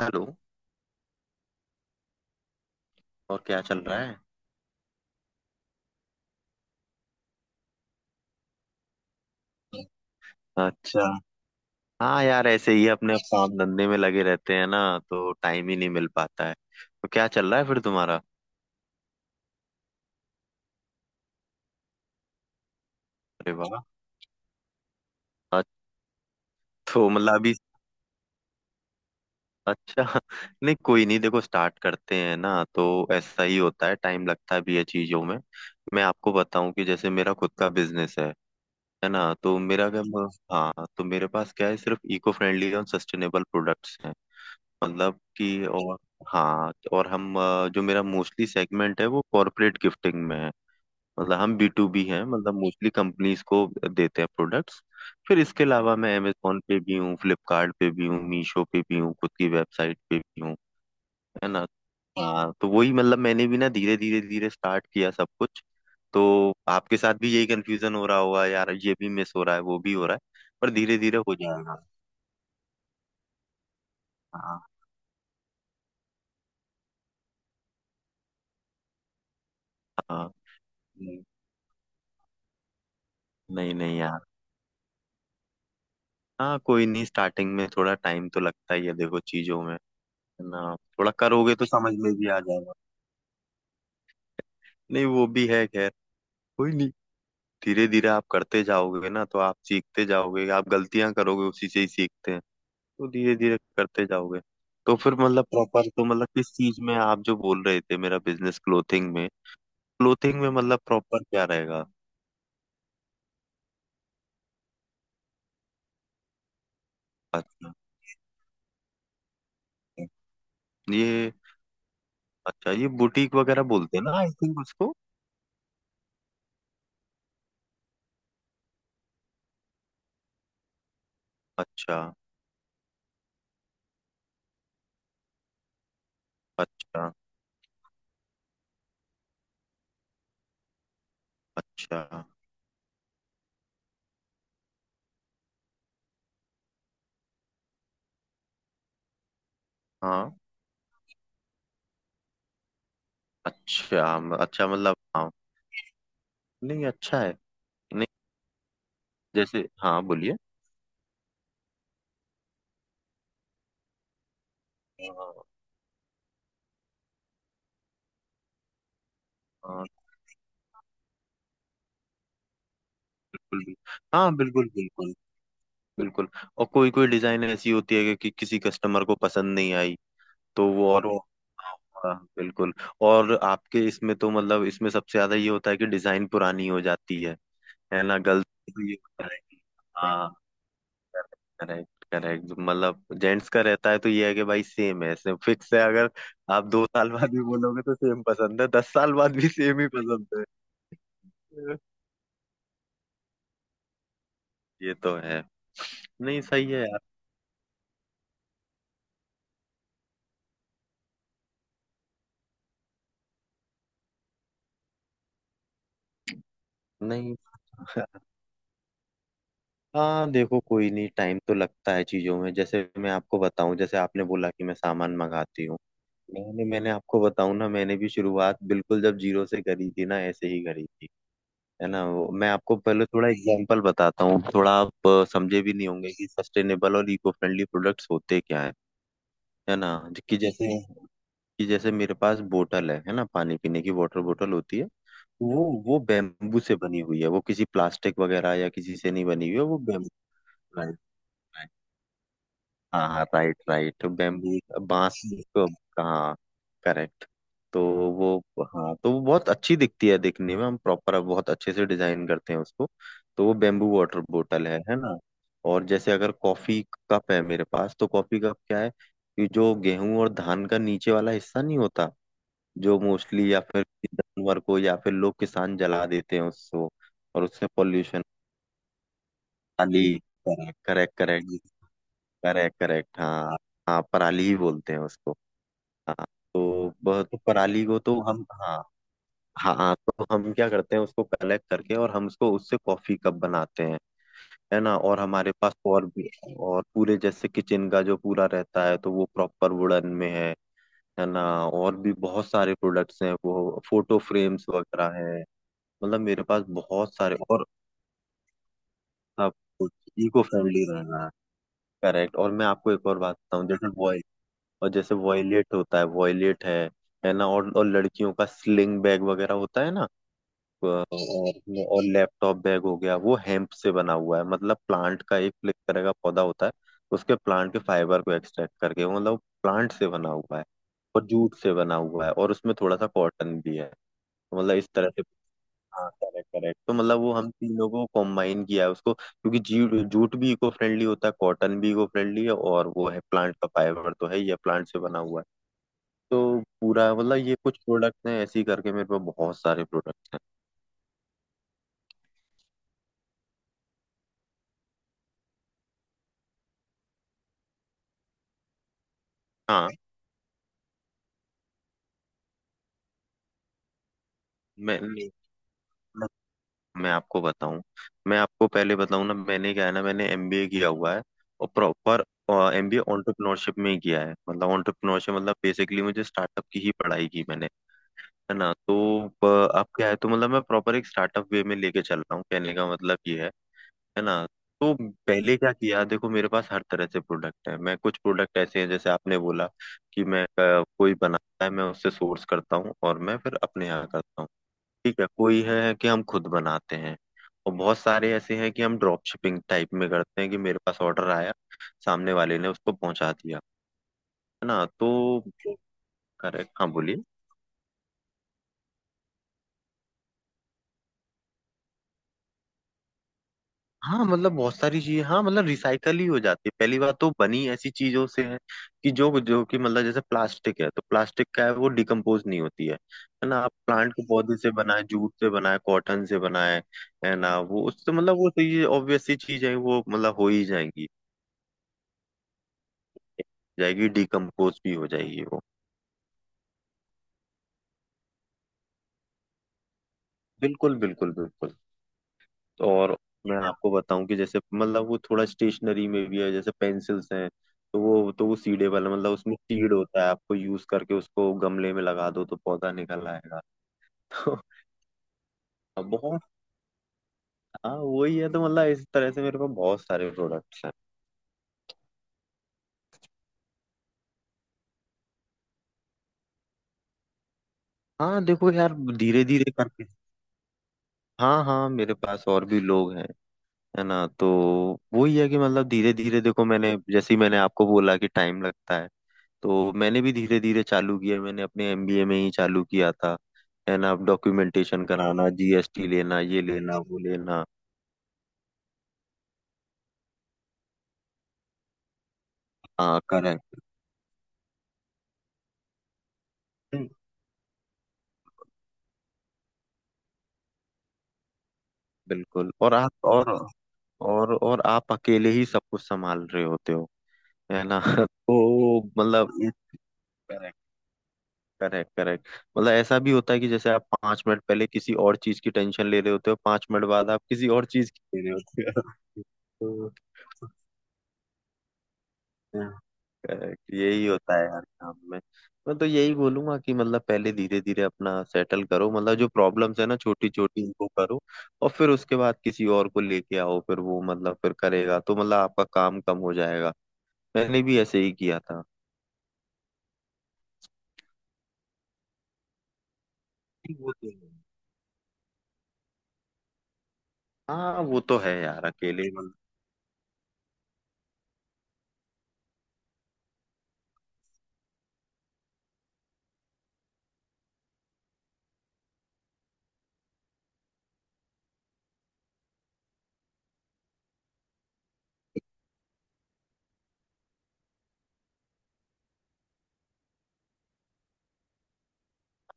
Hello. और क्या चल रहा है? अच्छा। हाँ यार, ऐसे ही अपने काम धंधे में लगे रहते हैं ना, तो टाइम ही नहीं मिल पाता है। तो क्या चल रहा है फिर तुम्हारा? अरे वाह! अच्छा, तो मतलब अभी। अच्छा नहीं कोई नहीं, देखो स्टार्ट करते हैं ना तो ऐसा ही होता है, टाइम लगता भी है चीजों में। मैं आपको बताऊं कि जैसे मेरा खुद का बिजनेस है ना, तो मेरा क्या, हाँ तो मेरे पास क्या है, सिर्फ इको फ्रेंडली और सस्टेनेबल प्रोडक्ट्स हैं। मतलब कि और हाँ तो और हम जो मेरा मोस्टली सेगमेंट है वो कॉरपोरेट गिफ्टिंग में है। मतलब हम B2B हैं, मतलब मोस्टली कंपनीज को देते हैं प्रोडक्ट्स। फिर इसके अलावा मैं अमेजोन पे भी हूँ, फ्लिपकार्ट पे भी हूँ, मीशो पे भी हूँ, खुद की वेबसाइट पे भी हूँ, है ना। हाँ तो वही मतलब मैंने भी ना धीरे धीरे धीरे स्टार्ट किया सब कुछ। तो आपके साथ भी यही कंफ्यूजन हो रहा होगा यार, ये भी मिस हो रहा है वो भी हो रहा है, पर धीरे धीरे हो जाएगा। हाँ हाँ। नहीं नहीं यार। हाँ कोई नहीं, स्टार्टिंग में थोड़ा टाइम तो लगता ही है देखो चीजों में, है ना, थोड़ा करोगे तो समझ में भी आ जाएगा। नहीं वो भी है खैर, कोई नहीं। धीरे धीरे आप करते जाओगे ना तो आप सीखते जाओगे, आप गलतियां करोगे, उसी से ही सीखते हैं। तो धीरे धीरे करते जाओगे। तो फिर मतलब प्रॉपर तो मतलब किस चीज में, आप जो बोल रहे थे मेरा बिजनेस क्लोथिंग में। क्लोथिंग में मतलब प्रॉपर क्या रहेगा? अच्छा ये, अच्छा ये बुटीक वगैरह बोलते हैं ना आई थिंक उसको। अच्छा अच्छा अच्छा हाँ। अच्छा अच्छा मतलब हाँ। नहीं अच्छा है। नहीं, जैसे हाँ बोलिए। हाँ, हाँ, बिल्कुल बिल्कुल। हाँ बिल्कुल बिल्कुल बिल्कुल। और कोई कोई डिजाइन ऐसी होती है कि किसी कस्टमर को पसंद नहीं आई, तो वो और वो, हाँ बिल्कुल। और आपके इसमें तो मतलब इसमें सबसे ज्यादा ये होता है कि डिजाइन पुरानी हो जाती है ना, गलती भी ये होता है। Correct correct. मतलब जेंट्स का रहता है तो ये है कि भाई सेम है, सेम फिक्स है, अगर आप 2 साल बाद भी बोलोगे तो सेम पसंद है, 10 साल बाद भी सेम ही पसंद है। ये तो है। नहीं सही है यार। नहीं। हाँ देखो कोई नहीं, टाइम तो लगता है चीजों में। जैसे मैं आपको बताऊं, जैसे आपने बोला कि मैं सामान मंगाती हूँ, मैंने मैंने आपको बताऊं ना, मैंने भी शुरुआत बिल्कुल जब जीरो से करी थी ना, ऐसे ही करी थी। है ना मैं आपको पहले थोड़ा एग्जांपल बताता हूँ। थोड़ा आप समझे भी नहीं होंगे कि सस्टेनेबल और इको फ्रेंडली प्रोडक्ट्स होते क्या है ना। कि जैसे, कि जैसे मेरे पास बोतल है ना, पानी पीने की वाटर बोतल होती है। वो बेम्बू से बनी हुई है, वो किसी प्लास्टिक वगैरह या किसी से नहीं बनी हुई है वो। बेम्बू। हाँ हाँ राइट राइट, बैम्बू बांस को। हाँ करेक्ट। तो वो, हाँ तो वो बहुत अच्छी दिखती है, दिखने में हम प्रॉपर बहुत अच्छे से डिजाइन करते हैं उसको। तो वो बेम्बू वाटर बोतल है ना। और जैसे अगर कॉफी कप है मेरे पास तो कॉफी कप क्या है, कि जो गेहूं और धान का नीचे वाला हिस्सा नहीं होता, जो मोस्टली या फिर जानवर को या फिर लोग किसान जला देते हैं उसको, और उससे पॉल्यूशन, खाली। Correct correct correct. Correct correct हाँ। हाँ पराली ही बोलते हैं उसको। हाँ तो वह, तो पराली को तो हम हाँ। हाँ हाँ, तो हम क्या करते हैं उसको कलेक्ट करके, और हम उसको उससे कॉफी कप बनाते हैं, है ना। और हमारे पास और भी, और पूरे जैसे किचन का जो पूरा रहता है तो वो प्रॉपर वुडन में है ना। और भी बहुत सारे प्रोडक्ट्स हैं, वो फोटो फ्रेम्स वगैरह हैं। मतलब मेरे पास बहुत सारे और सब इको फ्रेंडली रहना है। करेक्ट। और मैं आपको एक और बात बताऊं, जैसे वो, और जैसे वॉयलेट होता है वॉयलेट है ना, और लड़कियों का स्लिंग बैग वगैरह होता है ना। और लैपटॉप बैग हो गया, वो हेम्प से बना हुआ है, मतलब प्लांट का एक एक तरह का पौधा होता है। उसके प्लांट के फाइबर को एक्सट्रैक्ट करके, मतलब प्लांट से बना हुआ है, और जूट से बना हुआ है, और उसमें थोड़ा सा कॉटन भी है। तो मतलब इस तरह से, हाँ करेक्ट करेक्ट। तो मतलब वो हम तीनों को कॉम्बाइन किया है उसको, क्योंकि जूट जूट भी इको फ्रेंडली होता है, कॉटन भी इको फ्रेंडली है, और वो है प्लांट का फाइबर तो है ही है, प्लांट से बना हुआ है। तो पूरा मतलब ये कुछ प्रोडक्ट्स हैं, ऐसे ही करके मेरे पास बहुत सारे प्रोडक्ट्स हैं। हाँ। मैं मैं आपको बताऊं, मैं आपको पहले बताऊं ना, मैंने क्या है ना मैंने एमबीए किया हुआ है, और प्रॉपर एमबीए एंटरप्रेन्योरशिप में ही किया है, मतलब एंटरप्रेन्योरशिप मतलब बेसिकली मुझे स्टार्टअप की ही पढ़ाई की मैंने, है ना तो, अ, अब क्या है, तो मतलब मैं प्रॉपर एक स्टार्टअप वे में लेके चल रहा हूँ, कहने का मतलब ये है ना। तो पहले क्या किया, देखो मेरे पास हर तरह से प्रोडक्ट है, मैं कुछ प्रोडक्ट ऐसे हैं जैसे आपने बोला कि मैं कोई बनाता है, मैं उससे सोर्स करता हूँ और मैं फिर अपने यहाँ करता हूँ। ठीक है, कोई है कि हम खुद बनाते हैं, और बहुत सारे ऐसे हैं कि हम ड्रॉप शिपिंग टाइप में करते हैं कि मेरे पास ऑर्डर आया, सामने वाले ने उसको पहुंचा दिया, है ना तो, करेक्ट हाँ बोलिए। हाँ मतलब बहुत सारी चीजें, हाँ मतलब रिसाइकल ही हो जाती है, पहली बात तो बनी ऐसी चीजों से है कि जो जो कि मतलब जैसे प्लास्टिक है, तो प्लास्टिक का है वो डिकम्पोज नहीं होती है ना, आप प्लांट के पौधे से बनाए, जूट से बनाए, कॉटन से बनाए, है ना वो उससे मतलब वो तो ये ऑब्वियस सी चीज है वो मतलब हो ही जाएगी, जाएगी, डिकम्पोज भी हो जाएगी वो। बिल्कुल बिल्कुल बिल्कुल। और मैं आपको बताऊं कि जैसे मतलब वो थोड़ा स्टेशनरी में भी है, जैसे पेंसिल्स हैं, तो वो सीडे वाला, मतलब उसमें सीड होता है, आपको यूज करके उसको गमले में लगा दो तो पौधा निकल आएगा। तो बहुत, हाँ वही है तो मतलब इस तरह से मेरे पास बहुत सारे प्रोडक्ट्स हैं। हाँ देखो यार धीरे धीरे करके। हाँ हाँ मेरे पास और भी लोग हैं, है ना तो वही है कि मतलब धीरे धीरे देखो, मैंने जैसे ही मैंने आपको बोला कि टाइम लगता है तो मैंने भी धीरे धीरे चालू किया, मैंने अपने एमबीए में ही चालू किया था, है ना। अब डॉक्यूमेंटेशन कराना, जीएसटी लेना, ये लेना वो लेना। हाँ करेक्ट। बिल्कुल, और आप अकेले ही सब कुछ संभाल रहे होते हो, है ना तो मतलब, करेक्ट करेक्ट करेक्ट। मतलब ऐसा भी होता है कि जैसे आप 5 मिनट पहले किसी और चीज की टेंशन ले रहे होते हो, 5 मिनट बाद आप किसी और चीज की ले रहे होते हो। तो करेक्ट, यही होता है यार काम में। मैं तो यही बोलूंगा कि मतलब पहले धीरे धीरे अपना सेटल करो, मतलब जो प्रॉब्लम्स है ना छोटी छोटी इनको करो, और फिर उसके बाद किसी और को लेके आओ, फिर वो मतलब फिर करेगा तो मतलब आपका काम कम हो जाएगा, मैंने भी ऐसे ही किया था। नहीं, वो तो है। हाँ वो तो है यार अकेले मतलब।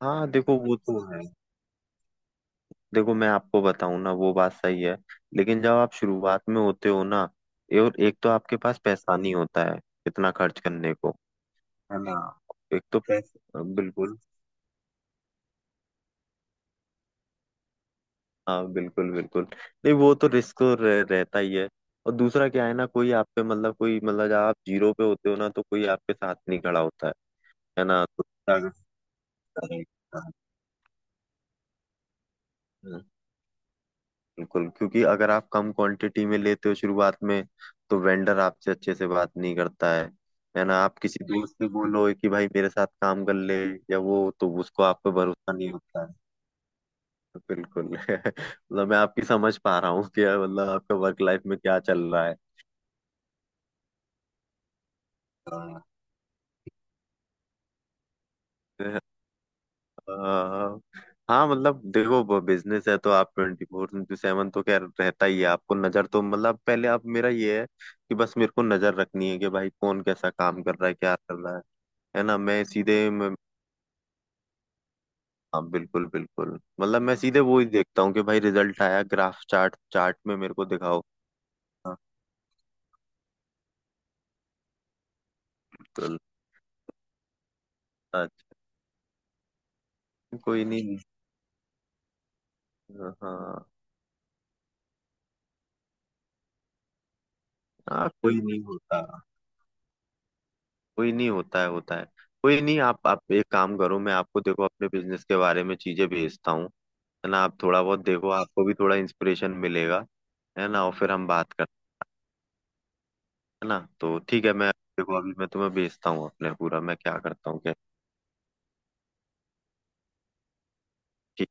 हाँ देखो वो तो है, देखो मैं आपको बताऊं ना वो बात सही है, लेकिन जब आप शुरुआत में होते हो ना, और एक तो आपके पास पैसा नहीं होता है इतना खर्च करने को, है ना, एक तो जैसे बिल्कुल, हाँ बिल्कुल बिल्कुल। नहीं वो तो रिस्क तो रहता ही है। और दूसरा क्या है ना, कोई आप पे मतलब कोई मतलब जब आप जीरो पे होते हो ना तो कोई आपके साथ नहीं खड़ा होता है ना तो अगर- हम्म, बिल्कुल, क्योंकि अगर आप कम क्वांटिटी में लेते हो शुरुआत में तो वेंडर आपसे अच्छे से बात नहीं करता है ना, आप किसी दोस्त से बोलो कि भाई मेरे साथ काम कर ले या वो, तो उसको आप पे भरोसा नहीं होता है। बिल्कुल मतलब मैं आपकी समझ पा रहा हूँ कि मतलब आपका वर्क लाइफ में क्या चल रहा है। हाँ अ, हाँ मतलब देखो बिजनेस है तो आप 24/7 तो खैर रहता ही है, आपको नजर तो मतलब पहले आप मेरा ये है कि बस मेरे को नजर रखनी है कि भाई कौन कैसा काम कर रहा है क्या कर रहा है ना। मैं सीधे, हाँ बिल्कुल बिल्कुल। मतलब मैं सीधे वो ही देखता हूँ कि भाई रिजल्ट आया, ग्राफ, चार्ट चार्ट में मेरे को दिखाओ। हाँ बिल्कुल। अच्छा कोई नहीं। हाँ हाँ कोई नहीं होता, कोई नहीं होता है होता है। कोई नहीं, आप आप एक काम करो, मैं आपको देखो अपने बिजनेस के बारे में चीजें भेजता हूँ, है ना, आप थोड़ा बहुत देखो, आपको भी थोड़ा इंस्पिरेशन मिलेगा, है ना और फिर हम बात करते हैं ना, तो ठीक है मैं देखो अभी मैं तुम्हें भेजता हूँ, अपने पूरा मैं क्या करता हूँ क्या। ठीक।